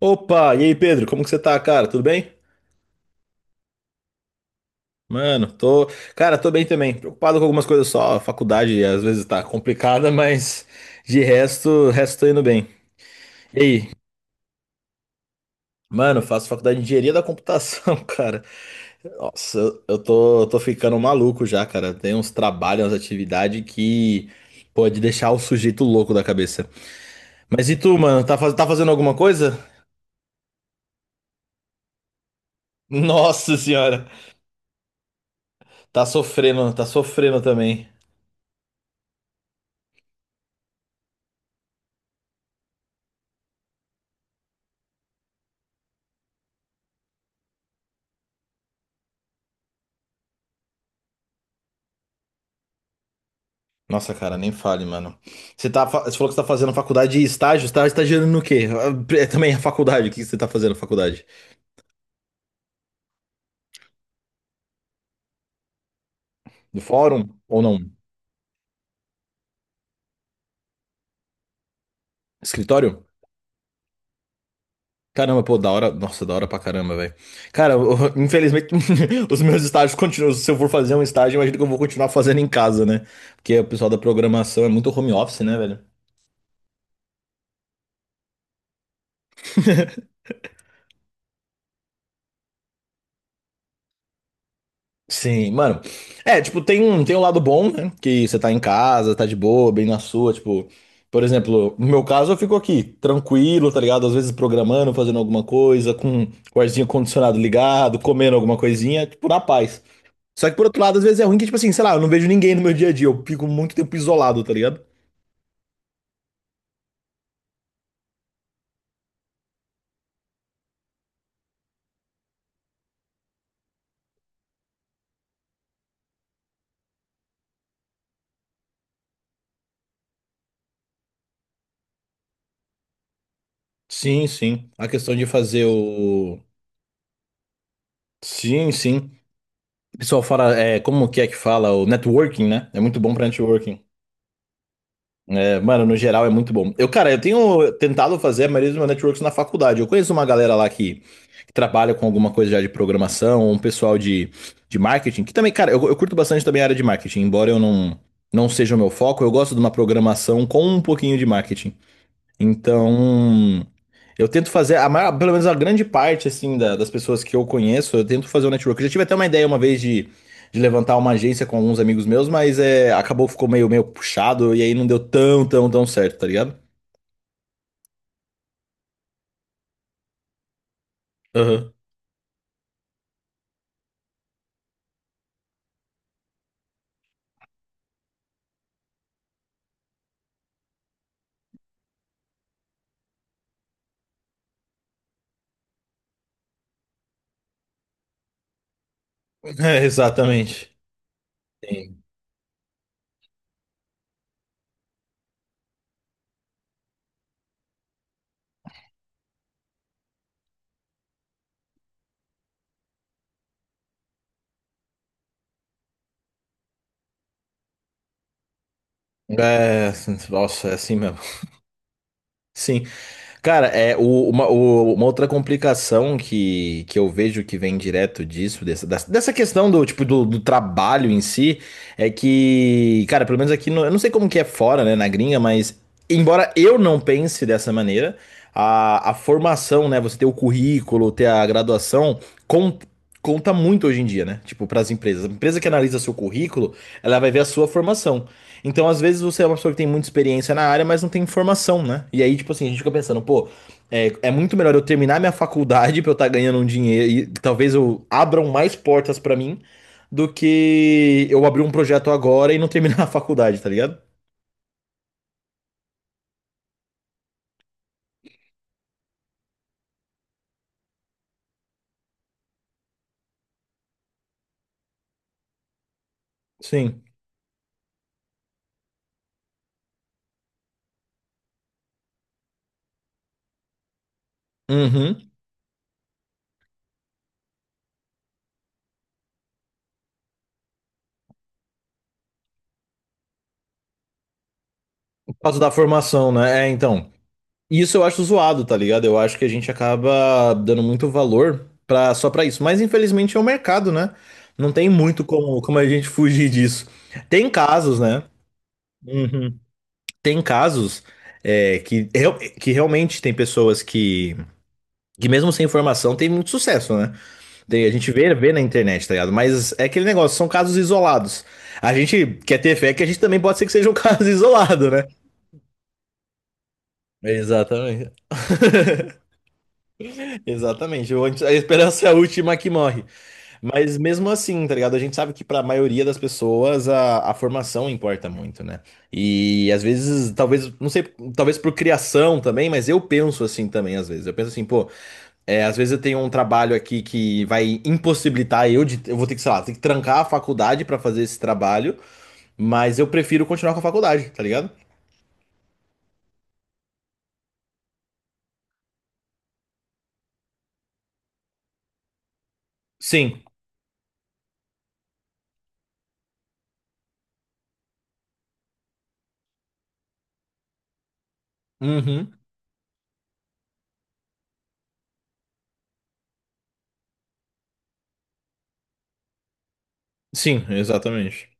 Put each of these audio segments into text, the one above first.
Opa, e aí Pedro, como que você tá, cara? Tudo bem? Mano, tô, cara, tô bem também. Preocupado com algumas coisas só, a faculdade às vezes tá complicada, mas de resto, resto tô indo bem. E aí? Mano, faço faculdade de engenharia da computação, cara. Nossa, eu tô, eu tô ficando maluco já, cara. Tem uns trabalhos, umas atividades que pode deixar o sujeito louco da cabeça. Mas e tu, mano, tá, tá fazendo alguma coisa? Nossa senhora, tá sofrendo também. Nossa, cara, nem fale, mano. Você tá, você falou que você tá fazendo faculdade de estágio, você tá estagiando no quê? Ah, é também a faculdade, o que você tá fazendo na faculdade? No fórum ou não? Escritório? Caramba, pô, da hora. Nossa, da hora pra caramba, velho. Cara, infelizmente, os meus estágios continuam. Se eu for fazer um estágio, imagino que eu vou continuar fazendo em casa, né? Porque o pessoal da programação é muito home office, né, velho? Sim, mano. É, tipo, tem um lado bom, né? Que você tá em casa, tá de boa, bem na sua, tipo, por exemplo, no meu caso eu fico aqui, tranquilo, tá ligado? Às vezes programando, fazendo alguma coisa, com o arzinho condicionado ligado, comendo alguma coisinha, tipo, na paz. Só que por outro lado, às vezes é ruim que, tipo assim, sei lá, eu não vejo ninguém no meu dia a dia, eu fico muito tempo isolado, tá ligado? Sim, sim. A questão de fazer o. Sim, sim. O pessoal fala, é, como que é que fala? O networking, né? É muito bom pra networking. É, mano, no geral é muito bom. Eu, cara, eu tenho tentado fazer a maioria dos meus networks na faculdade. Eu conheço uma galera lá que trabalha com alguma coisa já de programação, um pessoal de marketing, que também, cara, eu curto bastante também a área de marketing, embora eu não, não seja o meu foco, eu gosto de uma programação com um pouquinho de marketing. Então, eu tento fazer, a maior, pelo menos a grande parte, assim, das pessoas que eu conheço, eu tento fazer o network. Eu já tive até uma ideia uma vez de levantar uma agência com alguns amigos meus, mas é, acabou, ficou meio, meio puxado, e aí não deu tão certo, tá ligado? Aham. É, exatamente. Sim. É, nossa, é assim mesmo. Sim. Cara, é, uma outra complicação que eu vejo que vem direto disso, dessa, dessa questão do tipo do, do trabalho em si, é que, cara, pelo menos aqui, eu não sei como que é fora, né, na gringa, mas embora eu não pense dessa maneira, a formação, né, você ter o currículo, ter a graduação, con- conta muito hoje em dia, né? Tipo, para as empresas. A empresa que analisa seu currículo, ela vai ver a sua formação. Então, às vezes, você é uma pessoa que tem muita experiência na área, mas não tem formação, né? E aí, tipo assim, a gente fica pensando, pô, é, é muito melhor eu terminar minha faculdade pra eu estar ganhando um dinheiro e talvez eu abram mais portas pra mim do que eu abrir um projeto agora e não terminar a faculdade, tá ligado? Sim. Uhum. Por causa da formação, né? É, então. Isso eu acho zoado, tá ligado? Eu acho que a gente acaba dando muito valor pra, só pra isso. Mas infelizmente é o mercado, né? Não tem muito como, como a gente fugir disso. Tem casos, né? Uhum. Tem casos é, que, que realmente tem pessoas que mesmo sem informação, tem muito sucesso, né? A gente vê, vê na internet, tá ligado? Mas é aquele negócio, são casos isolados. A gente quer ter fé que a gente também pode ser que seja um caso isolado, né? Exatamente. Exatamente. Ou a esperança é a última que morre. Mas mesmo assim, tá ligado? A gente sabe que pra maioria das pessoas a formação importa muito, né? E às vezes, talvez, não sei, talvez por criação também, mas eu penso assim também, às vezes. Eu penso assim, pô, é, às vezes eu tenho um trabalho aqui que vai impossibilitar eu de. Eu vou ter que, sei lá, ter que trancar a faculdade pra fazer esse trabalho, mas eu prefiro continuar com a faculdade, tá ligado? Sim. Uhum. Sim, exatamente.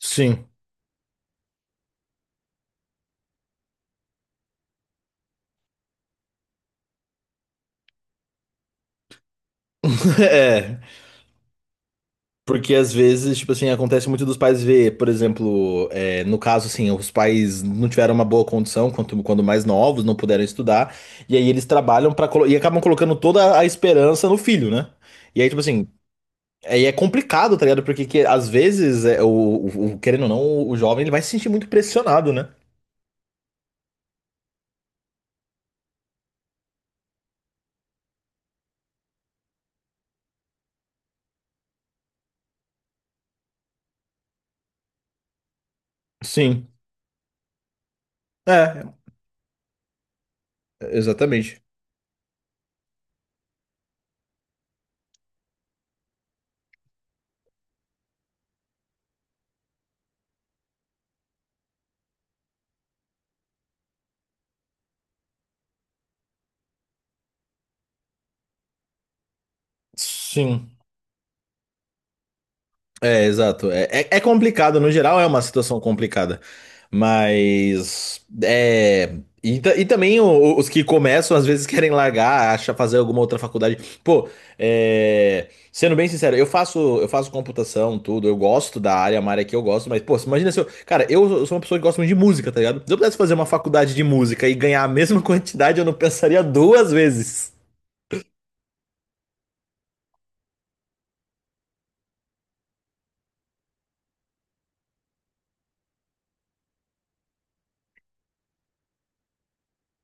Sim. É. Porque às vezes, tipo assim, acontece muito dos pais ver, por exemplo, é, no caso, assim, os pais não tiveram uma boa condição quando, quando mais novos, não puderam estudar, e aí eles trabalham para e acabam colocando toda a esperança no filho, né? E aí, tipo assim, aí é complicado, tá ligado? Porque que, às vezes, é, querendo ou não, o jovem ele vai se sentir muito pressionado, né? Sim. É, exatamente. Sim. É, exato. É, é, é complicado, no geral é uma situação complicada. Mas. É, e, e também os que começam às vezes querem largar, acha fazer alguma outra faculdade. Pô, é, sendo bem sincero, eu faço computação, tudo, eu gosto da área, é uma área que eu gosto, mas, pô, imagina se eu. Cara, eu sou uma pessoa que gosta muito de música, tá ligado? Se eu pudesse fazer uma faculdade de música e ganhar a mesma quantidade, eu não pensaria duas vezes.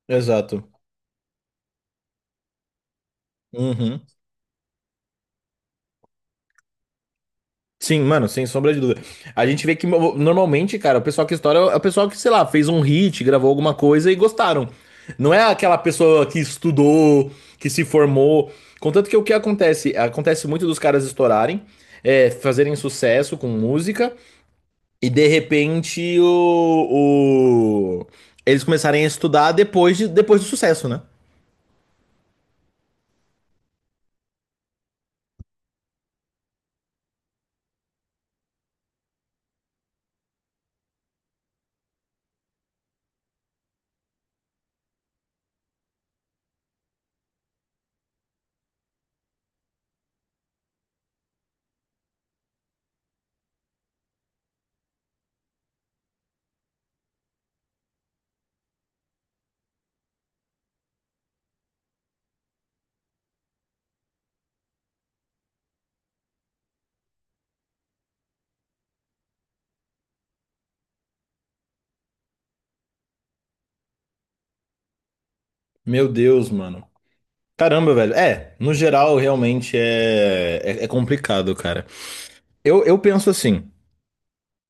Exato. Uhum. Sim, mano, sem sombra de dúvida. A gente vê que normalmente, cara, o pessoal que estoura é o pessoal que, sei lá, fez um hit, gravou alguma coisa e gostaram. Não é aquela pessoa que estudou, que se formou. Contanto que o que acontece? Acontece muito dos caras estourarem, é, fazerem sucesso com música e de repente eles começarem a estudar depois, de, depois do sucesso, né? Meu Deus, mano. Caramba, velho. É, no geral, realmente é, é é complicado, cara. Eu penso assim.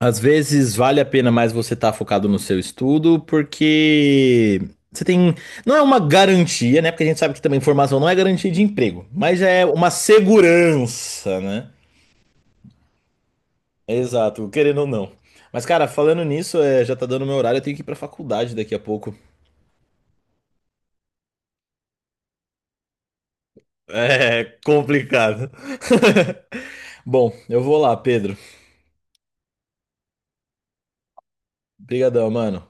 Às vezes vale a pena mais você estar focado no seu estudo, porque você tem. Não é uma garantia, né? Porque a gente sabe que também formação não é garantia de emprego, mas é uma segurança, né? Exato, querendo ou não. Mas, cara, falando nisso, é, já tá dando meu horário, eu tenho que ir pra faculdade daqui a pouco. É complicado. Bom, eu vou lá, Pedro. Obrigadão, mano.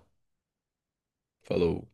Falou.